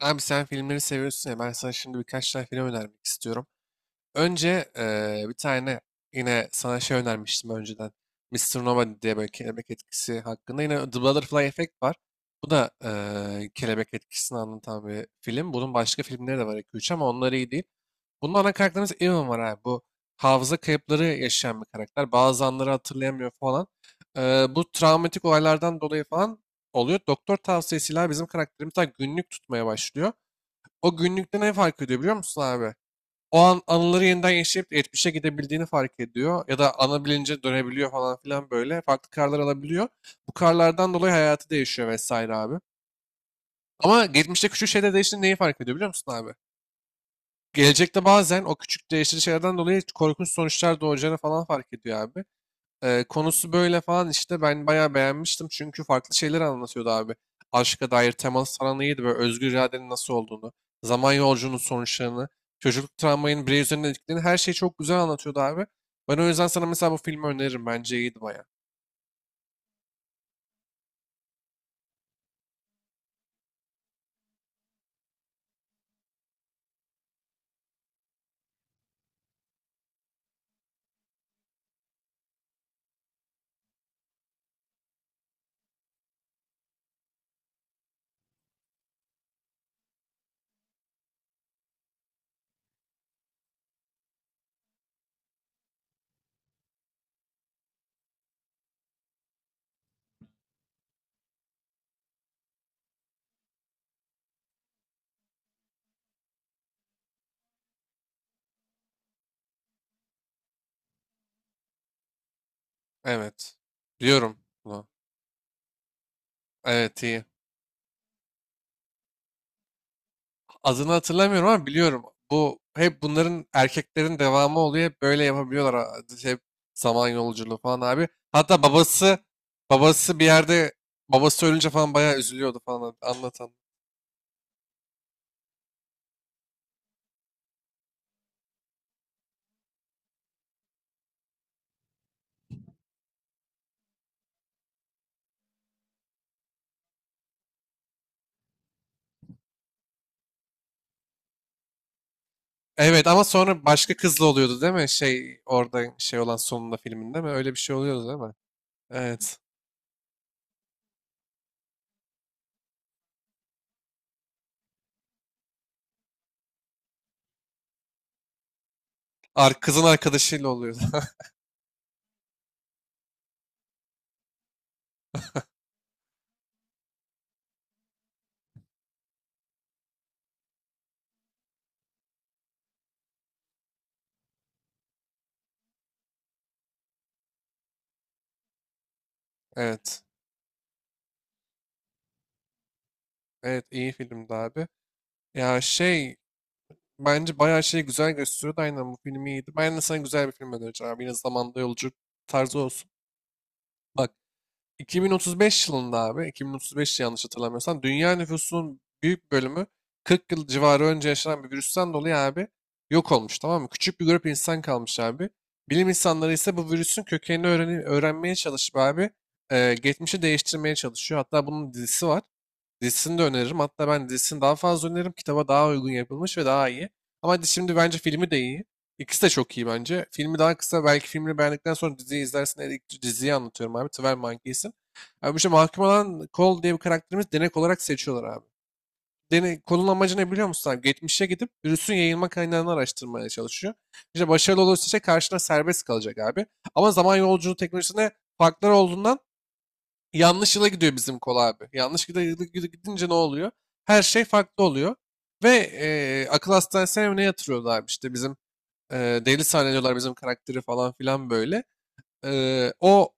Abi sen filmleri seviyorsun ya, ben sana şimdi birkaç tane film önermek istiyorum. Önce bir tane yine sana şey önermiştim önceden. Mister Nova diye, böyle kelebek etkisi hakkında. Yine The Butterfly Effect var. Bu da kelebek etkisini anlatan bir film. Bunun başka filmleri de var 2-3 ama onlar iyi değil. Bunun ana karakterimiz Evan var abi. Bu hafıza kayıpları yaşayan bir karakter. Bazı anları hatırlayamıyor falan. Bu travmatik olaylardan dolayı falan oluyor. Doktor tavsiyesiyle bizim karakterimiz daha günlük tutmaya başlıyor. O günlükte ne fark ediyor biliyor musun abi? O an anıları yeniden yaşayıp geçmişe gidebildiğini fark ediyor. Ya da ana bilince dönebiliyor falan filan böyle. Farklı karlar alabiliyor. Bu karlardan dolayı hayatı değişiyor vesaire abi. Ama geçmişte küçük şeyler değiştiğinde neyi fark ediyor biliyor musun abi? Gelecekte bazen o küçük değiştirici şeylerden dolayı korkunç sonuçlar doğacağını falan fark ediyor abi. Konusu böyle falan işte, ben bayağı beğenmiştim, çünkü farklı şeyler anlatıyordu abi. Aşka dair temas falan iyiydi, böyle özgür iradenin nasıl olduğunu, zaman yolculuğunun sonuçlarını, çocukluk travmanın birey üzerinde etkilerini, her şeyi çok güzel anlatıyordu abi. Ben o yüzden sana mesela bu filmi öneririm, bence iyiydi bayağı. Evet. Biliyorum bunu. Evet, iyi. Adını hatırlamıyorum ama biliyorum. Bu hep bunların, erkeklerin devamı oluyor. Hep böyle yapabiliyorlar. Hep zaman yolculuğu falan abi. Hatta babası bir yerde, babası ölünce falan bayağı üzülüyordu falan anlatan. Evet ama sonra başka kızla oluyordu değil mi? Şey orada şey olan sonunda filminde mi? Öyle bir şey oluyordu değil mi? Evet. Ar kızın arkadaşıyla oluyordu. Evet. Evet, iyi filmdi abi. Ya şey, bence bayağı şeyi güzel gösteriyordu. Aynen, bu film iyiydi. Ben de sana güzel bir film önereceğim abi. Yine zamanda yolculuk tarzı olsun. Bak. 2035 yılında abi, 2035 yanlış hatırlamıyorsam, dünya nüfusunun büyük bölümü 40 yıl civarı önce yaşanan bir virüsten dolayı abi yok olmuş tamam mı? Küçük bir grup insan kalmış abi. Bilim insanları ise bu virüsün kökenini öğrenmeye çalışıp abi geçmişi değiştirmeye çalışıyor. Hatta bunun dizisi var. Dizisini de öneririm. Hatta ben dizisini daha fazla öneririm. Kitaba daha uygun yapılmış ve daha iyi. Ama şimdi bence filmi de iyi. İkisi de çok iyi bence. Filmi daha kısa. Belki filmini beğendikten sonra diziyi izlersin. Eğer ilk, diziyi anlatıyorum abi. Twelve Monkeys'in. Abi bu işte, mahkum olan Cole diye bir karakterimiz, denek olarak seçiyorlar abi. Denek, Cole'un amacı ne biliyor musun abi? Geçmişe gidip virüsün yayılma kaynağını araştırmaya çalışıyor. İşte başarılı olursa işte karşına serbest kalacak abi. Ama zaman yolculuğu teknolojisinde farklar olduğundan yanlış yıla gidiyor bizim Cole abi. Yanlış gidince ne oluyor? Her şey farklı oluyor. Ve akıl hastanesine mi ne yatırıyorlar abi işte bizim. Deli zannediyorlar bizim karakteri falan filan böyle. O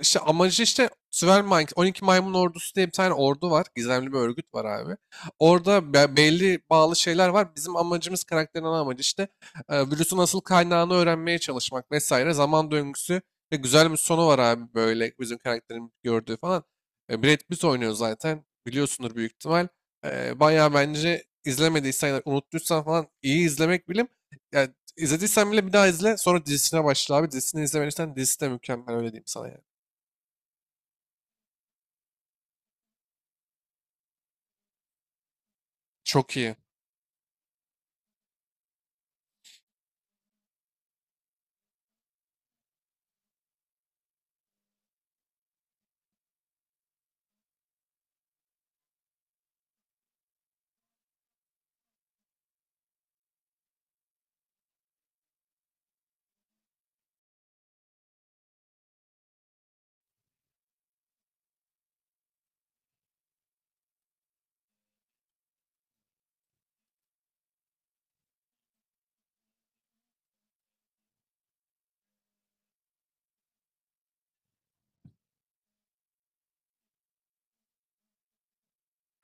işte amacı işte, Süvermank, 12 Maymun Ordusu diye bir tane ordu var. Gizemli bir örgüt var abi. Orada belli bağlı şeyler var. Bizim amacımız, karakterin ana amacı işte virüsün asıl kaynağını öğrenmeye çalışmak vesaire. Zaman döngüsü ve güzel bir sonu var abi, böyle bizim karakterin gördüğü falan. Brad Pitt oynuyor zaten. Biliyorsundur büyük ihtimal. Bayağı bence izlemediysen ya da unuttuysan falan iyi izlemek bilim. Yani izlediysen bile bir daha izle. Sonra dizisine başla abi. Dizisini izlemediysen dizisi de mükemmel, öyle diyeyim sana yani. Çok iyi.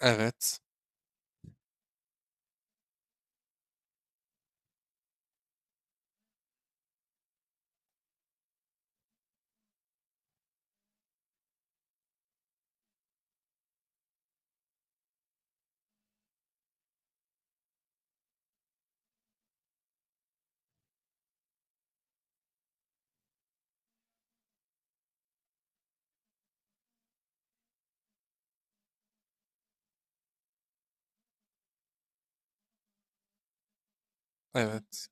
Evet. Evet.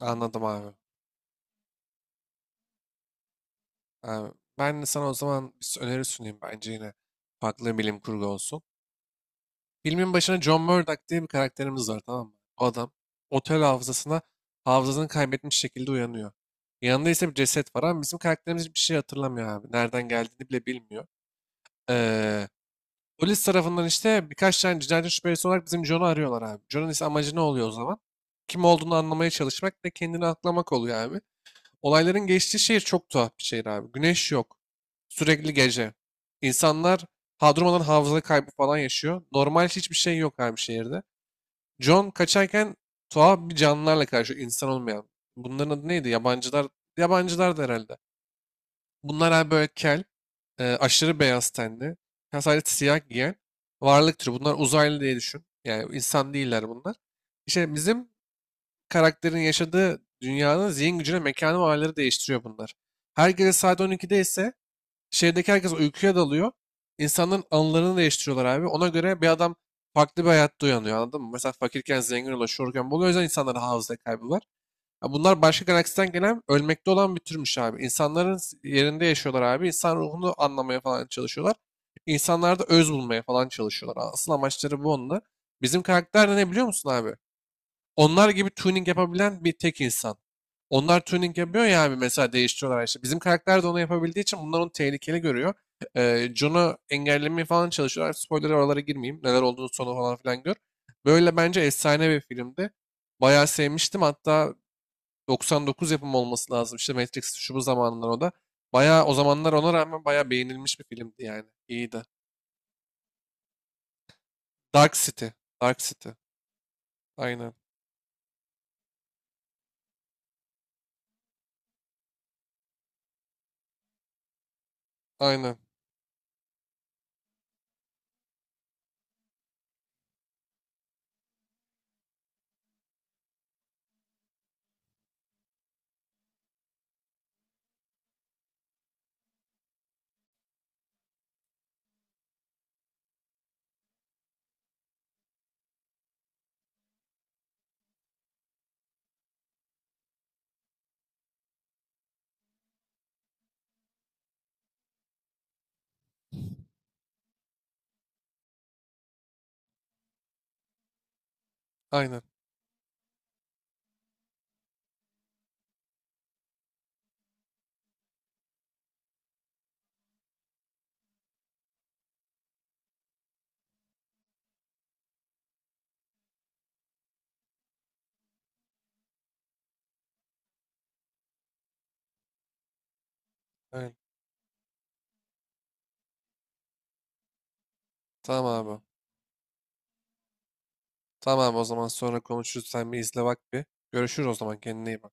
Anladım abi. Abi, ben de sana o zaman bir öneri sunayım. Bence yine farklı bilim kurgu olsun. Filmin başına John Murdock diye bir karakterimiz var tamam mı? O adam otel hafızasına hafızasını kaybetmiş şekilde uyanıyor. Yanında ise bir ceset var ama bizim karakterimiz bir şey hatırlamıyor abi. Nereden geldiğini bile bilmiyor. Ee, Polis tarafından işte birkaç tane cinayet şüphelisi olarak bizim John'u arıyorlar abi. John'un ise amacı ne oluyor o zaman? Kim olduğunu anlamaya çalışmak ve kendini aklamak oluyor abi. Olayların geçtiği şehir çok tuhaf bir şehir abi. Güneş yok. Sürekli gece. İnsanlar hadrumadan hafıza kaybı falan yaşıyor. Normal hiçbir şey yok abi şehirde. John kaçarken tuhaf bir canlılarla karşı, insan olmayan. Bunların adı neydi? Yabancılar. Yabancılar da herhalde. Bunlar abi böyle kel, aşırı beyaz tenli, ya sadece siyah giyen varlık türü. Bunlar uzaylı diye düşün. Yani insan değiller bunlar. İşte bizim karakterin yaşadığı dünyanın zihin gücüne, mekana ve olayları değiştiriyor bunlar. Her gece saat 12'de ise şehirdeki herkes uykuya dalıyor. İnsanların anılarını değiştiriyorlar abi. Ona göre bir adam farklı bir hayatta uyanıyor, anladın mı? Mesela fakirken zengin ulaşıyorken buluyor. O yüzden insanların hafıza kaybı var. Ya bunlar başka galaksiden gelen ölmekte olan bir türmüş abi. İnsanların yerinde yaşıyorlar abi. İnsan ruhunu anlamaya falan çalışıyorlar. İnsanlarda öz bulmaya falan çalışıyorlar. Asıl amaçları bu onda. Bizim karakter de ne biliyor musun abi? Onlar gibi tuning yapabilen bir tek insan. Onlar tuning yapıyor ya abi, mesela değiştiriyorlar işte. Bizim karakter de onu yapabildiği için bunlar onu tehlikeli görüyor. John'u engellemeye falan çalışıyorlar. Spoiler'a oralara girmeyeyim. Neler olduğunu, sonu falan filan gör. Böyle bence efsane bir filmdi. Bayağı sevmiştim. Hatta 99 yapımı olması lazım. İşte Matrix şu bu zamanlar o da. Bayağı o zamanlar ona rağmen bayağı beğenilmiş bir filmdi yani. İyiydi. Dark City. Dark City. Aynen. Aynen. Aynen. Aynen. Tamam abi. Tamam, o zaman sonra konuşuruz. Sen bir izle bak bir. Görüşürüz o zaman. Kendine iyi bak.